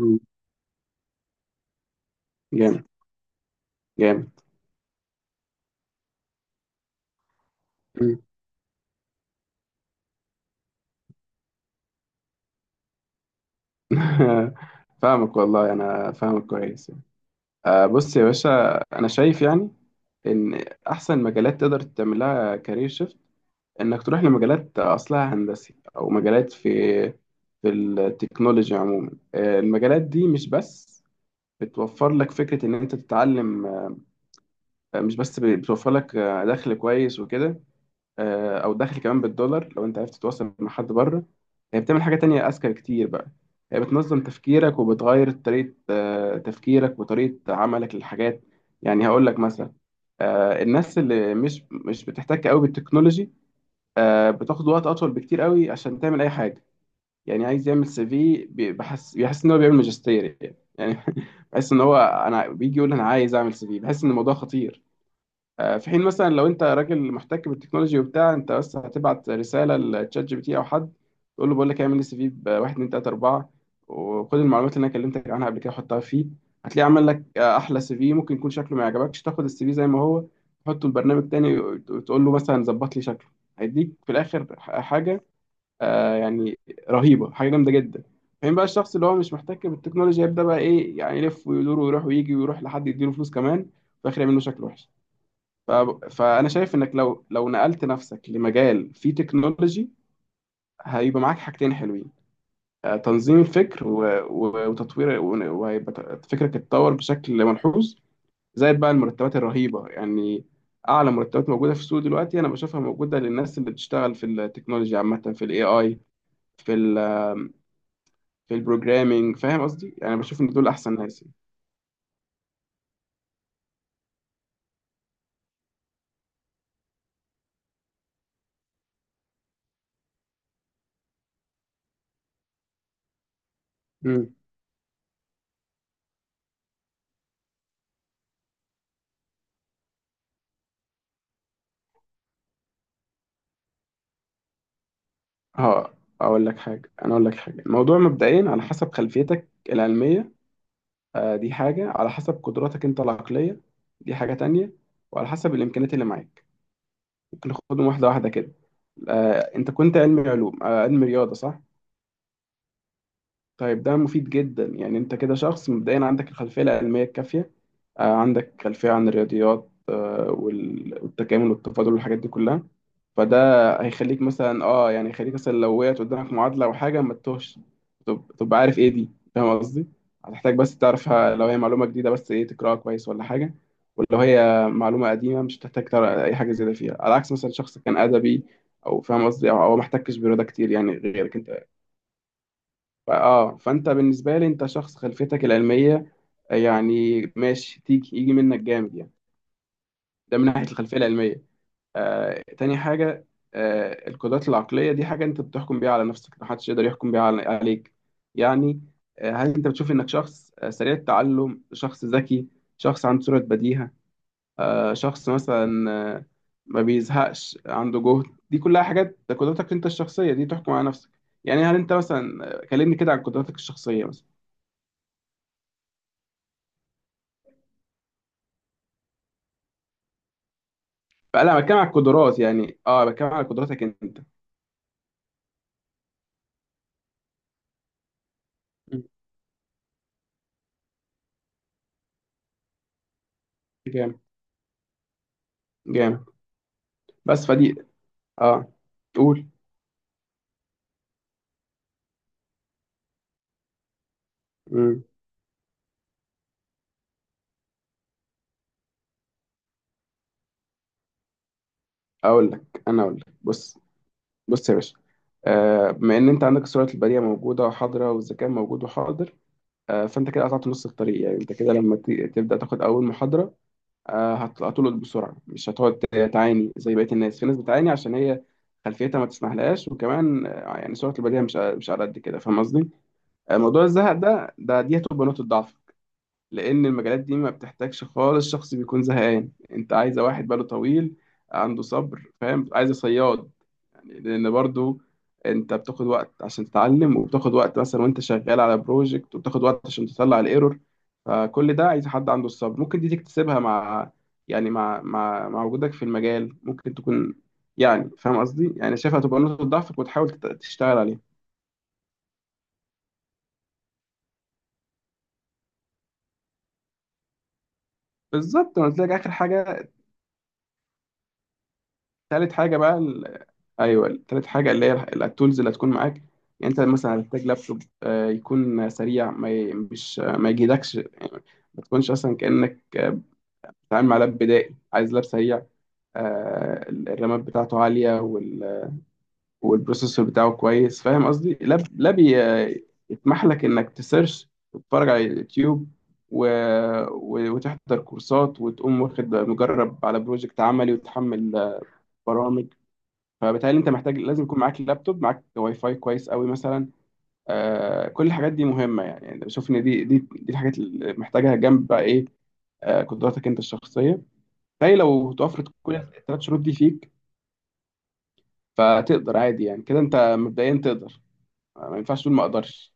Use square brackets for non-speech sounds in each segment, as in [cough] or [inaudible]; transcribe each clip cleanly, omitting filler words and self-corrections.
مم. جامد. جامد. مم. [laughs] فاهمك والله انا فاهمك كويس يعني. بص يا باشا، انا شايف يعني ان احسن مجالات تقدر تعمل لها كارير شيفت انك تروح لمجالات اصلها هندسي او مجالات في التكنولوجي عموما. المجالات دي مش بس بتوفر لك فكرة ان انت تتعلم، مش بس بتوفر لك دخل كويس وكده، او دخل كمان بالدولار لو انت عرفت تتواصل مع حد بره. هي بتعمل حاجه تانية اذكى كتير بقى، هي بتنظم تفكيرك وبتغير طريقه تفكيرك وطريقه عملك للحاجات. يعني هقول لك مثلا، الناس اللي مش بتحتك قوي بالتكنولوجي بتاخد وقت اطول بكتير قوي عشان تعمل اي حاجه. يعني عايز يعمل سي في بيحس ان هو بيعمل ماجستير يعني، [laughs] بحس ان انا بيجي يقول انا عايز اعمل سي في، بحس ان الموضوع خطير. في حين مثلا لو انت راجل محتك بالتكنولوجي وبتاع، انت بس هتبعت رساله لتشات جي بي تي او حد تقول له بقول لك اعمل لي سي في ب 1 2 3 4، وخد المعلومات اللي انا كلمتك عنها قبل كده حطها فيه. هتلاقيه عمل لك احلى سي في. ممكن يكون شكله ما يعجبكش، تاخد السي في زي ما هو تحطه البرنامج تاني وتقول له مثلا ظبط لي شكله. هيديك في الاخر حاجه يعني رهيبه، حاجه جامده جدا. فين بقى الشخص اللي هو مش محتك بالتكنولوجيا؟ يبدا بقى ايه يعني؟ يلف ويدور ويروح ويجي ويروح لحد يديله فلوس كمان في الاخر يعمل له شكل وحش. ف- فانا شايف انك لو نقلت نفسك لمجال فيه تكنولوجي، هيبقى معاك حاجتين حلوين، تنظيم الفكر وتطوير، وهيبقى فكرك اتطور بشكل ملحوظ، زائد بقى المرتبات الرهيبة يعني. اعلى مرتبات موجودة في السوق دلوقتي انا بشوفها موجودة للناس اللي بتشتغل في التكنولوجيا عامة، في الاي اي، في ال في البروجرامينج. فاهم قصدي؟ يعني بشوف ان دول احسن ناس. امم اه، اقول لك حاجة انا اقول لك حاجة، الموضوع مبدئيا على حسب خلفيتك العلمية، دي حاجة. على حسب قدراتك أنت العقلية، دي حاجة تانية. وعلى حسب الإمكانيات اللي معاك. ممكن ناخدهم واحدة واحدة كده. أنت كنت علمي علوم، علمي رياضة، صح؟ طيب ده مفيد جدا يعني، انت كده شخص مبدئيا عندك الخلفيه العلميه الكافيه، عندك خلفيه عن الرياضيات، والتكامل والتفاضل والحاجات دي كلها. فده، هيخليك مثلا اه يعني هيخليك مثلا لو وقعت قدامك معادله او حاجه ما تتوهش، تبقى عارف ايه دي. فاهم قصدي؟ هتحتاج بس تعرفها لو هي معلومه جديده، بس ايه، تقراها كويس ولا حاجه. ولو هي معلومه قديمه مش هتحتاج تقرا اي حاجه زياده فيها، على عكس مثلا شخص كان ادبي، او فاهم قصدي، او ما احتكش برياضه كتير يعني غيرك انت. فانت بالنسبه لي انت شخص خلفيتك العلميه، يعني ماشي، يجي منك جامد يعني. ده من ناحيه الخلفيه العلميه. تاني حاجه، القدرات العقليه، دي حاجه انت بتحكم بيها على نفسك، محدش يقدر يحكم بيها عليك يعني. هل انت بتشوف انك شخص سريع التعلم، شخص ذكي، شخص عنده سرعه بديهه، شخص مثلا، آه ما بيزهقش، عنده جهد، دي كلها حاجات، ده قدراتك انت الشخصيه دي تحكم على نفسك. يعني هل انت مثلا، كلمني كده عن قدراتك الشخصيه مثلا. فلا بتكلم على القدرات، يعني اه، بتكلم على قدراتك انت. مم. جامد. جامد. بس فدي. اه. قول. مم. اقول لك، بص، بص يا باشا. بما ان انت عندك السرعه البريه موجوده وحاضره والذكاء موجود وحاضر، فانت كده قطعت نص الطريق. يعني انت كده لما تبدا تاخد اول محاضره هتلقط بسرعه، مش هتقعد تعاني زي بقيه الناس. في ناس بتعاني عشان هي خلفيتها ما تسمحلهاش، وكمان يعني سرعه البديهه مش على قد كده. فاهم قصدي؟ موضوع الزهق ده، دي هتبقى نقطه ضعف، لان المجالات دي ما بتحتاجش خالص شخص بيكون زهقان، انت عايزه واحد باله طويل، عنده صبر، فاهم، عايزه صياد يعني. لان برضو انت بتاخد وقت عشان تتعلم، وبتاخد وقت مثلا وانت شغال على بروجكت، وبتاخد وقت عشان تطلع الايرور. فكل ده عايز حد عنده الصبر. ممكن دي تكتسبها مع، يعني مع وجودك في المجال، ممكن تكون يعني، فاهم قصدي؟ يعني شايفها تبقى نقطة ضعفك وتحاول تشتغل عليها. بالظبط، انا قلت لك اخر حاجة. تالت حاجة بقى، أيوه، تالت حاجة اللي هي التولز اللي هتكون معاك. يعني أنت مثلا هتحتاج لابتوب، يكون سريع، ما ي... مش ما يجيدكش يعني، ما تكونش أصلا كأنك بتتعامل مع لاب بدائي، عايز لاب سريع، الرامات بتاعته عالية، والبروسيسور بتاعه كويس. فاهم قصدي؟ لاب، يسمح لك إنك تسيرش وتتفرج على اليوتيوب، و... وتحضر كورسات وتقوم واخد مجرب على بروجكت عملي، وتحمل برامج. فبالتالي انت محتاج لازم يكون معاك لابتوب، معاك واي فاي كويس قوي مثلا. كل الحاجات دي مهمه، يعني انا بشوف ان دي الحاجات اللي محتاجها، جنب بقى ايه، قدراتك انت الشخصيه. بالتالي لو توفرت كل الثلاث شروط دي فيك، فتقدر عادي يعني، كده انت مبدئيا تقدر. ما ينفعش تقول ما اقدرش،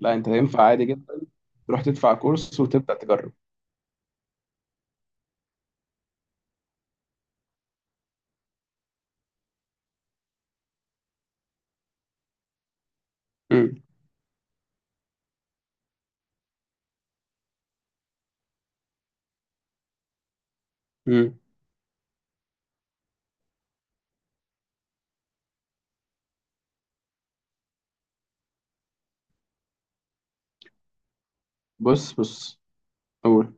لا، انت ينفع عادي جدا تروح تدفع كورس وتبدا تجرب. امم، امم. بص، بص، قول.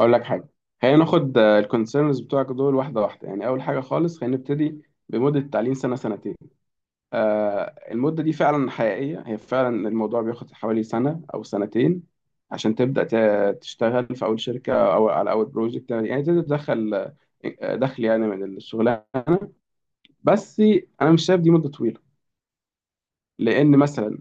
اقول لك حاجه. خلينا ناخد الكونسيرنز بتوعك دول واحده واحده. يعني اول حاجه خالص، خلينا نبتدي بمده تعليم سنه، سنتين. المدة دي فعلا حقيقية، هي فعلا الموضوع بياخد حوالي سنة أو سنتين عشان تبدأ تشتغل في أول شركة أو على أول بروجكت، يعني تقدر تدخل دخل يعني من الشغلانة بس. أنا مش شايف دي مدة طويلة، لأن مثلا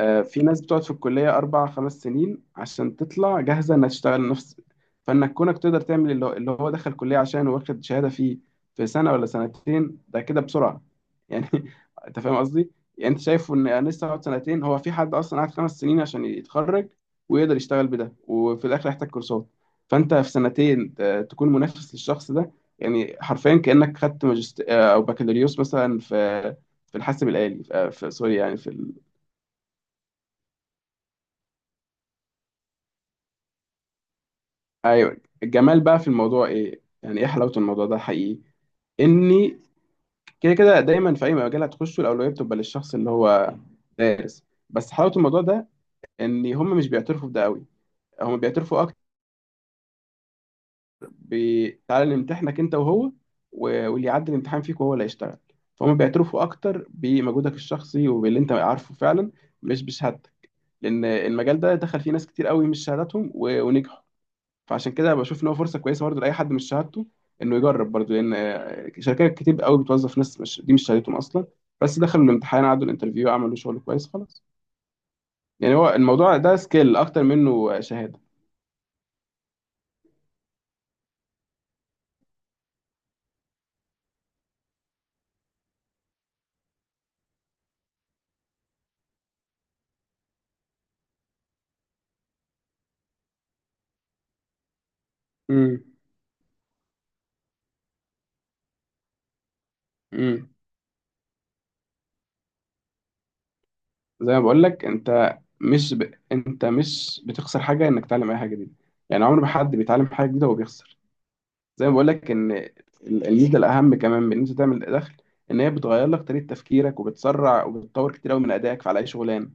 في ناس بتقعد في الكلية أربع خمس سنين عشان تطلع جاهزة إنها تشتغل نفس. فإنك كونك تقدر تعمل اللي هو اللي هو دخل كلية عشان واخد شهادة فيه في سنة ولا سنتين، ده كده بسرعة يعني. [laughs] أنت فاهم قصدي؟ يعني أنت شايف إن أنا لسه هقعد سنتين، هو في حد أصلا قعد 5 سنين عشان يتخرج ويقدر يشتغل بده، وفي الآخر يحتاج كورسات. فأنت في سنتين تكون منافس للشخص ده، يعني حرفيا كأنك خدت ماجست، أو بكالوريوس مثلا في في الحاسب الآلي، في سوري يعني، في. ايوه، الجمال بقى في الموضوع ايه، يعني ايه حلاوه الموضوع ده حقيقي، اني كده كده دايما في اي مجال هتخشه الاولويه بتبقى للشخص اللي هو دارس. بس حلاوه الموضوع ده ان هم مش بيعترفوا بده قوي، هم بيعترفوا اكتر، تعالى نمتحنك انت وهو، واللي يعدي الامتحان فيك وهو اللي هيشتغل. فهم بيعترفوا اكتر بمجهودك الشخصي وباللي انت عارفه فعلا، مش بشهادتك. لان المجال ده دخل فيه ناس كتير قوي مش شهادتهم ونجحوا. فعشان كده بشوف ان هو فرصه كويسه برضه لاي حد مش شهادته انه يجرب، برضه لان شركات كتير قوي بتوظف ناس مش، دي مش شهادتهم اصلا، بس دخلوا الامتحان عدوا الانترفيو عملوا شغل كويس، خلاص. يعني هو الموضوع ده سكيل اكتر منه شهاده. امم، امم. زي ما بقول لك، انت مش بتخسر حاجه انك تتعلم اي حاجه جديده. يعني عمر ما حد بيتعلم حاجه جديده وهو بيخسر. زي ما بقول لك ان الميزه الاهم كمان من ان انت تعمل دخل، ان هي بتغير لك طريقه تفكيرك وبتسرع وبتطور كتير قوي من ادائك في على اي شغلانه.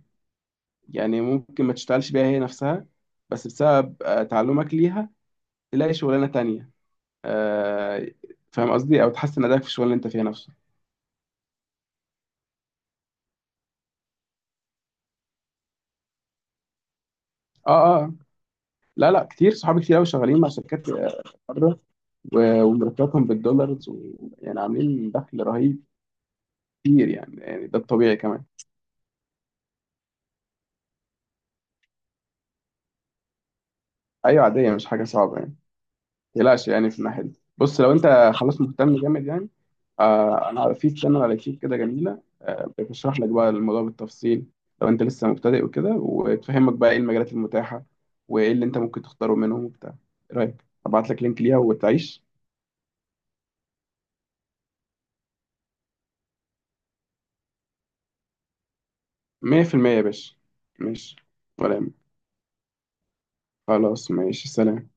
يعني ممكن ما تشتغلش بيها هي نفسها، بس بسبب تعلمك ليها تلاقي شغلانة تانية. آه، فاهم قصدي؟ او تحسن ادائك في الشغل اللي انت فيها نفسه. اه، اه، آه. لا، لا، كتير، صحابي كتير قوي شغالين مع شركات بره، ومرتباتهم بالدولارز، ويعني عاملين دخل رهيب كتير يعني، ده الطبيعي كمان. ايوه، عادية، مش حاجة صعبة يعني. تقلقش يعني في الناحية دي. بص، لو أنت خلاص مهتم جامد يعني، أنا في شانل على اليوتيوب كده جميلة، بتشرح لك بقى الموضوع بالتفصيل لو أنت لسه مبتدئ وكده، وتفهمك بقى إيه المجالات المتاحة وإيه اللي أنت ممكن تختاره منهم وبتاع. إيه رأيك؟ أبعت لك لينك ليها وتعيش. 100%، يا باشا. ماشي، ولا يهمك. خلاص، ماشي، سلام.